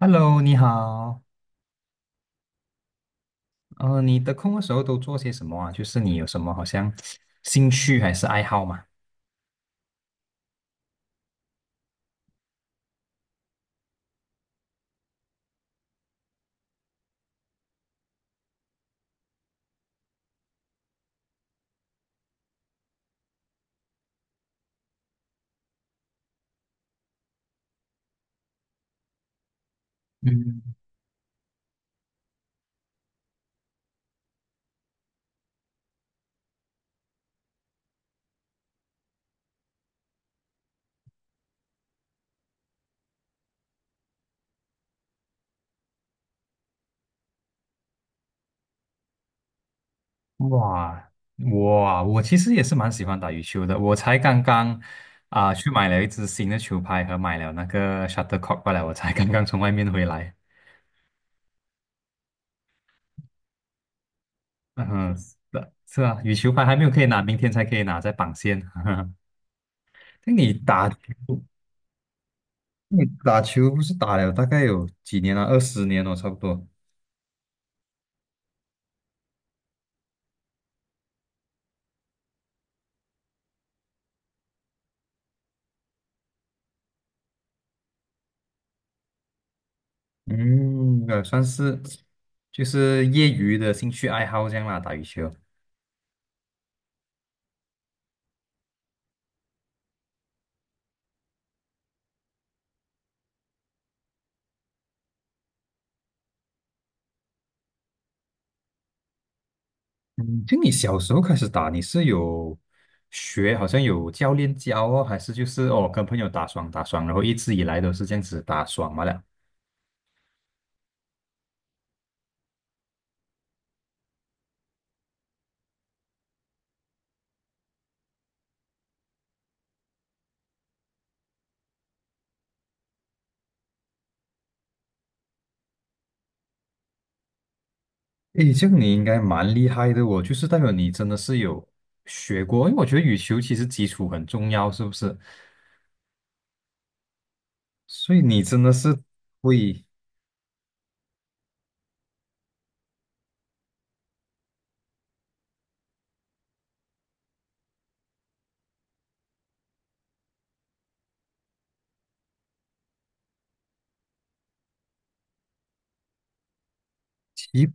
Hello，你好。你的空的时候都做些什么啊？就是你有什么好像兴趣还是爱好吗？嗯，哇，哇，我其实也是蛮喜欢打羽球的。我才刚刚去买了一支新的球拍和买了那个 shuttlecock 过来，我才刚刚从外面回来。嗯，是的，是啊，羽球拍还没有可以拿，明天才可以拿，在绑线。那你打球，你打球不是打了大概有几年了？20年了，差不多。嗯，算是就是业余的兴趣爱好这样啦，打羽球。嗯，就你小时候开始打，你是有学，好像有教练教哦，还是就是哦跟朋友打双，然后一直以来都是这样子打双嘛了。诶，这个你应该蛮厉害的哦，就是代表你真的是有学过，因为我觉得羽球其实基础很重要，是不是？所以你真的是会基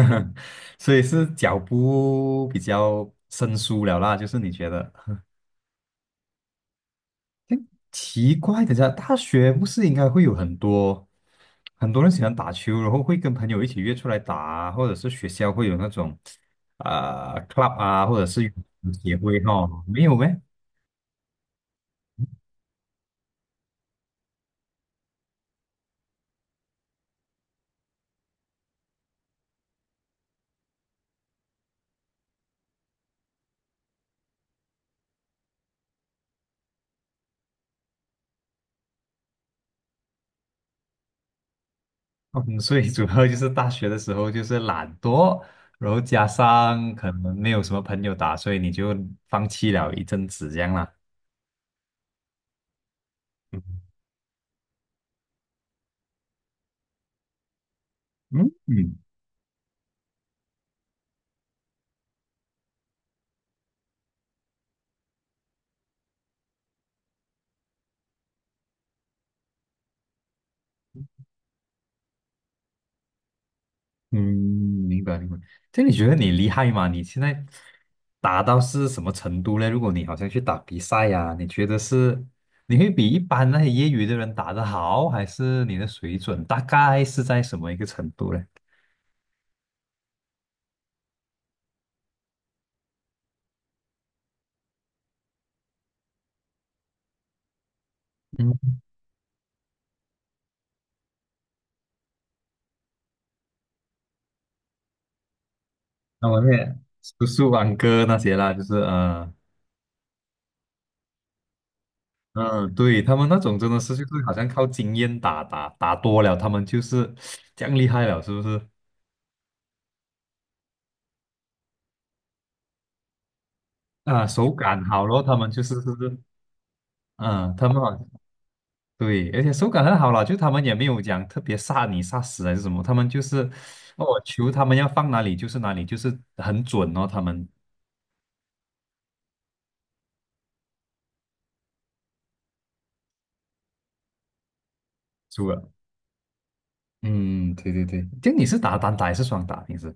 本，所以是脚步比较生疏了啦，就是你觉得？奇怪的家，大学不是应该会有很多很多人喜欢打球，然后会跟朋友一起约出来打啊或者是学校会有那种club 啊，或者是羽球协会哈，没有咩？嗯，所以主要就是大学的时候就是懒惰，然后加上可能没有什么朋友打，所以你就放弃了一阵子这样啦。嗯嗯。嗯，明白明白。这你觉得你厉害吗？你现在打到是什么程度呢？如果你好像去打比赛呀、你觉得是你会比一般那些业余的人打得好，还是你的水准大概是在什么一个程度呢？嗯，那我也叔叔、安哥那些啦，就是嗯嗯，对，他们那种真的是就是好像靠经验打多了，他们就是这样厉害了，是不是？啊，手感好咯，他们就是是不是，嗯，他们好。对，而且手感很好啦，就他们也没有讲特别杀你杀死还是什么，他们就是哦球他们要放哪里就是哪里，就是很准哦，他们出了。嗯，对对对，就你是打单打还是双打平时？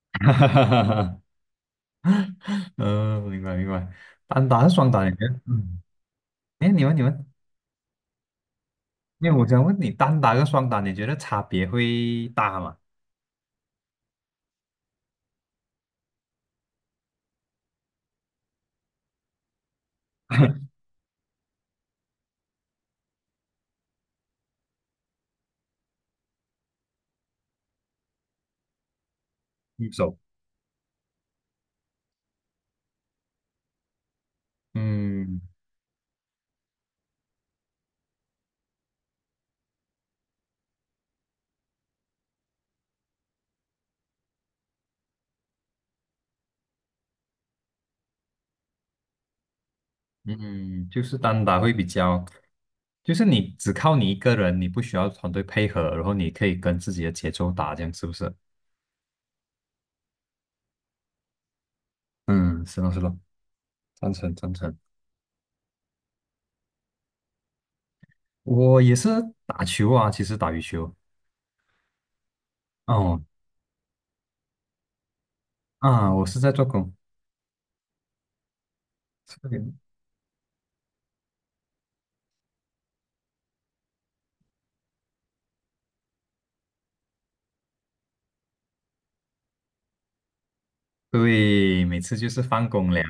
哈哈哈哈 嗯，明白明白，单打还是双打，你觉得？嗯，哎，你们，因为我想问你，单打跟双打，你觉得差别会大吗？对手。嗯。嗯，就是单打会比较，就是你只靠你一个人，你不需要团队配合，然后你可以跟自己的节奏打，这样是不是？嗯，是咯是咯，赞成赞成。我也是打球啊，其实打羽球。哦啊，我是在做工。这个对，每次就是放工了。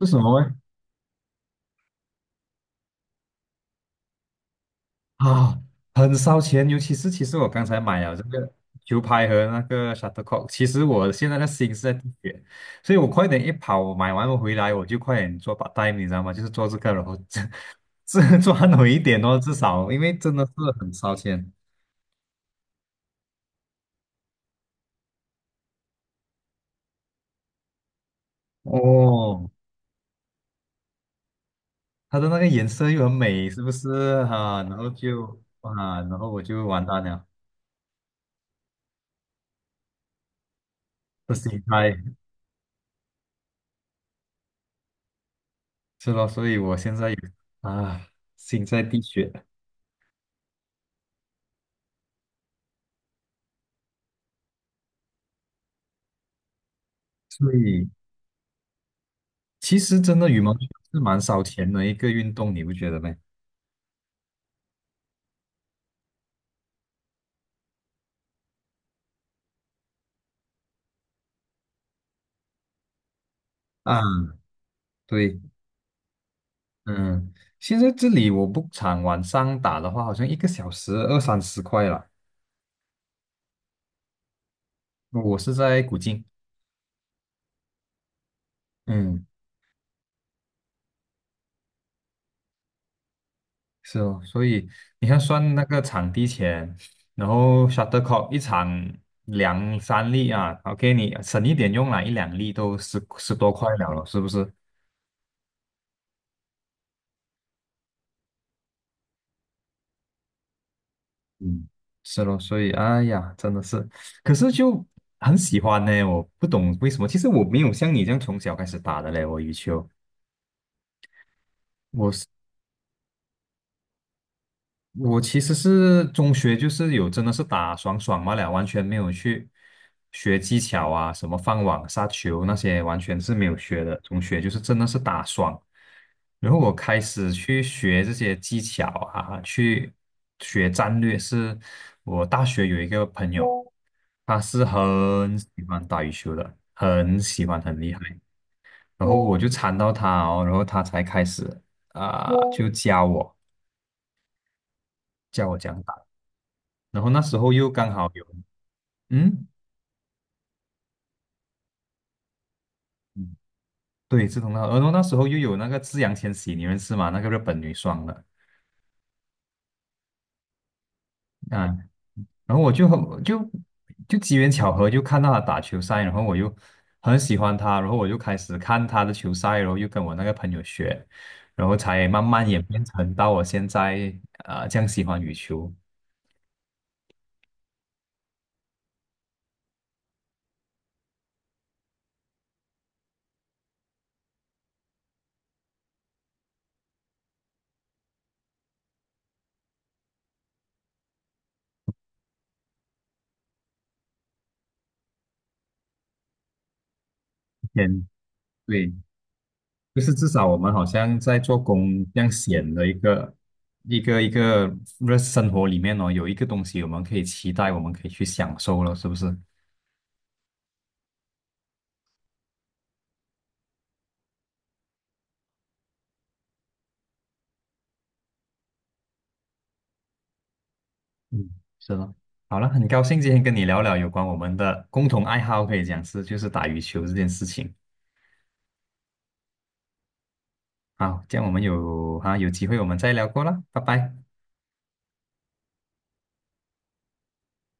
是什么呢？啊，很烧钱，尤其是其实我刚才买了这个球拍和那个 shuttlecock，其实我现在的心是在滴血，所以我快点一跑，我买完回来我就快点做把 a 你知道吗？就是做这个，然后这 赚回一点哦，至少因为真的是很烧钱哦。它的那个颜色又很美，是不是哈？然后就然后我就完蛋了，这心态是咯，所以我现在有啊心在滴血，所以。其实真的羽毛球是蛮烧钱的一个运动，你不觉得吗？啊，对，嗯，现在这里我 b o 场晚上打的话，好像1个小时二三十块了。我是在古晋，嗯，是哦，所以你看算那个场地钱，然后 shuttlecock 一场两三粒啊，OK，你省一点用啦，一两粒都十多块了，是不是？嗯，是咯，所以哎呀，真的是，可是就很喜欢呢，我不懂为什么。其实我没有像你这样从小开始打的嘞，我羽球，我其实是中学就是有真的是打爽爽嘛了，完全没有去学技巧啊，什么放网、杀球那些完全是没有学的。中学就是真的是打爽，然后我开始去学这些技巧啊，去学战略。是我大学有一个朋友，他是很喜欢打羽球的，很喜欢，很厉害。然后我就缠到他哦，然后他才开始啊、就教我，教我讲。然后那时候又刚好有，嗯，嗯对，志同道合。然后那时候又有那个志扬千玺，你认识吗？那个日本女双的啊。然后我就很就就机缘巧合就看到她打球赛，然后我就很喜欢他，然后我就开始看他的球赛，然后又跟我那个朋友学，然后才慢慢演变成到我现在这样喜欢羽球。嗯，对，就是至少我们好像在做工这样闲的一个一个一个日生活里面哦，有一个东西我们可以期待，我们可以去享受了，是不是？嗯，是的。好了，很高兴今天跟你聊聊有关我们的共同爱好，可以讲是就是打羽球这件事情。好，这样我们有机会我们再聊过啦，拜拜。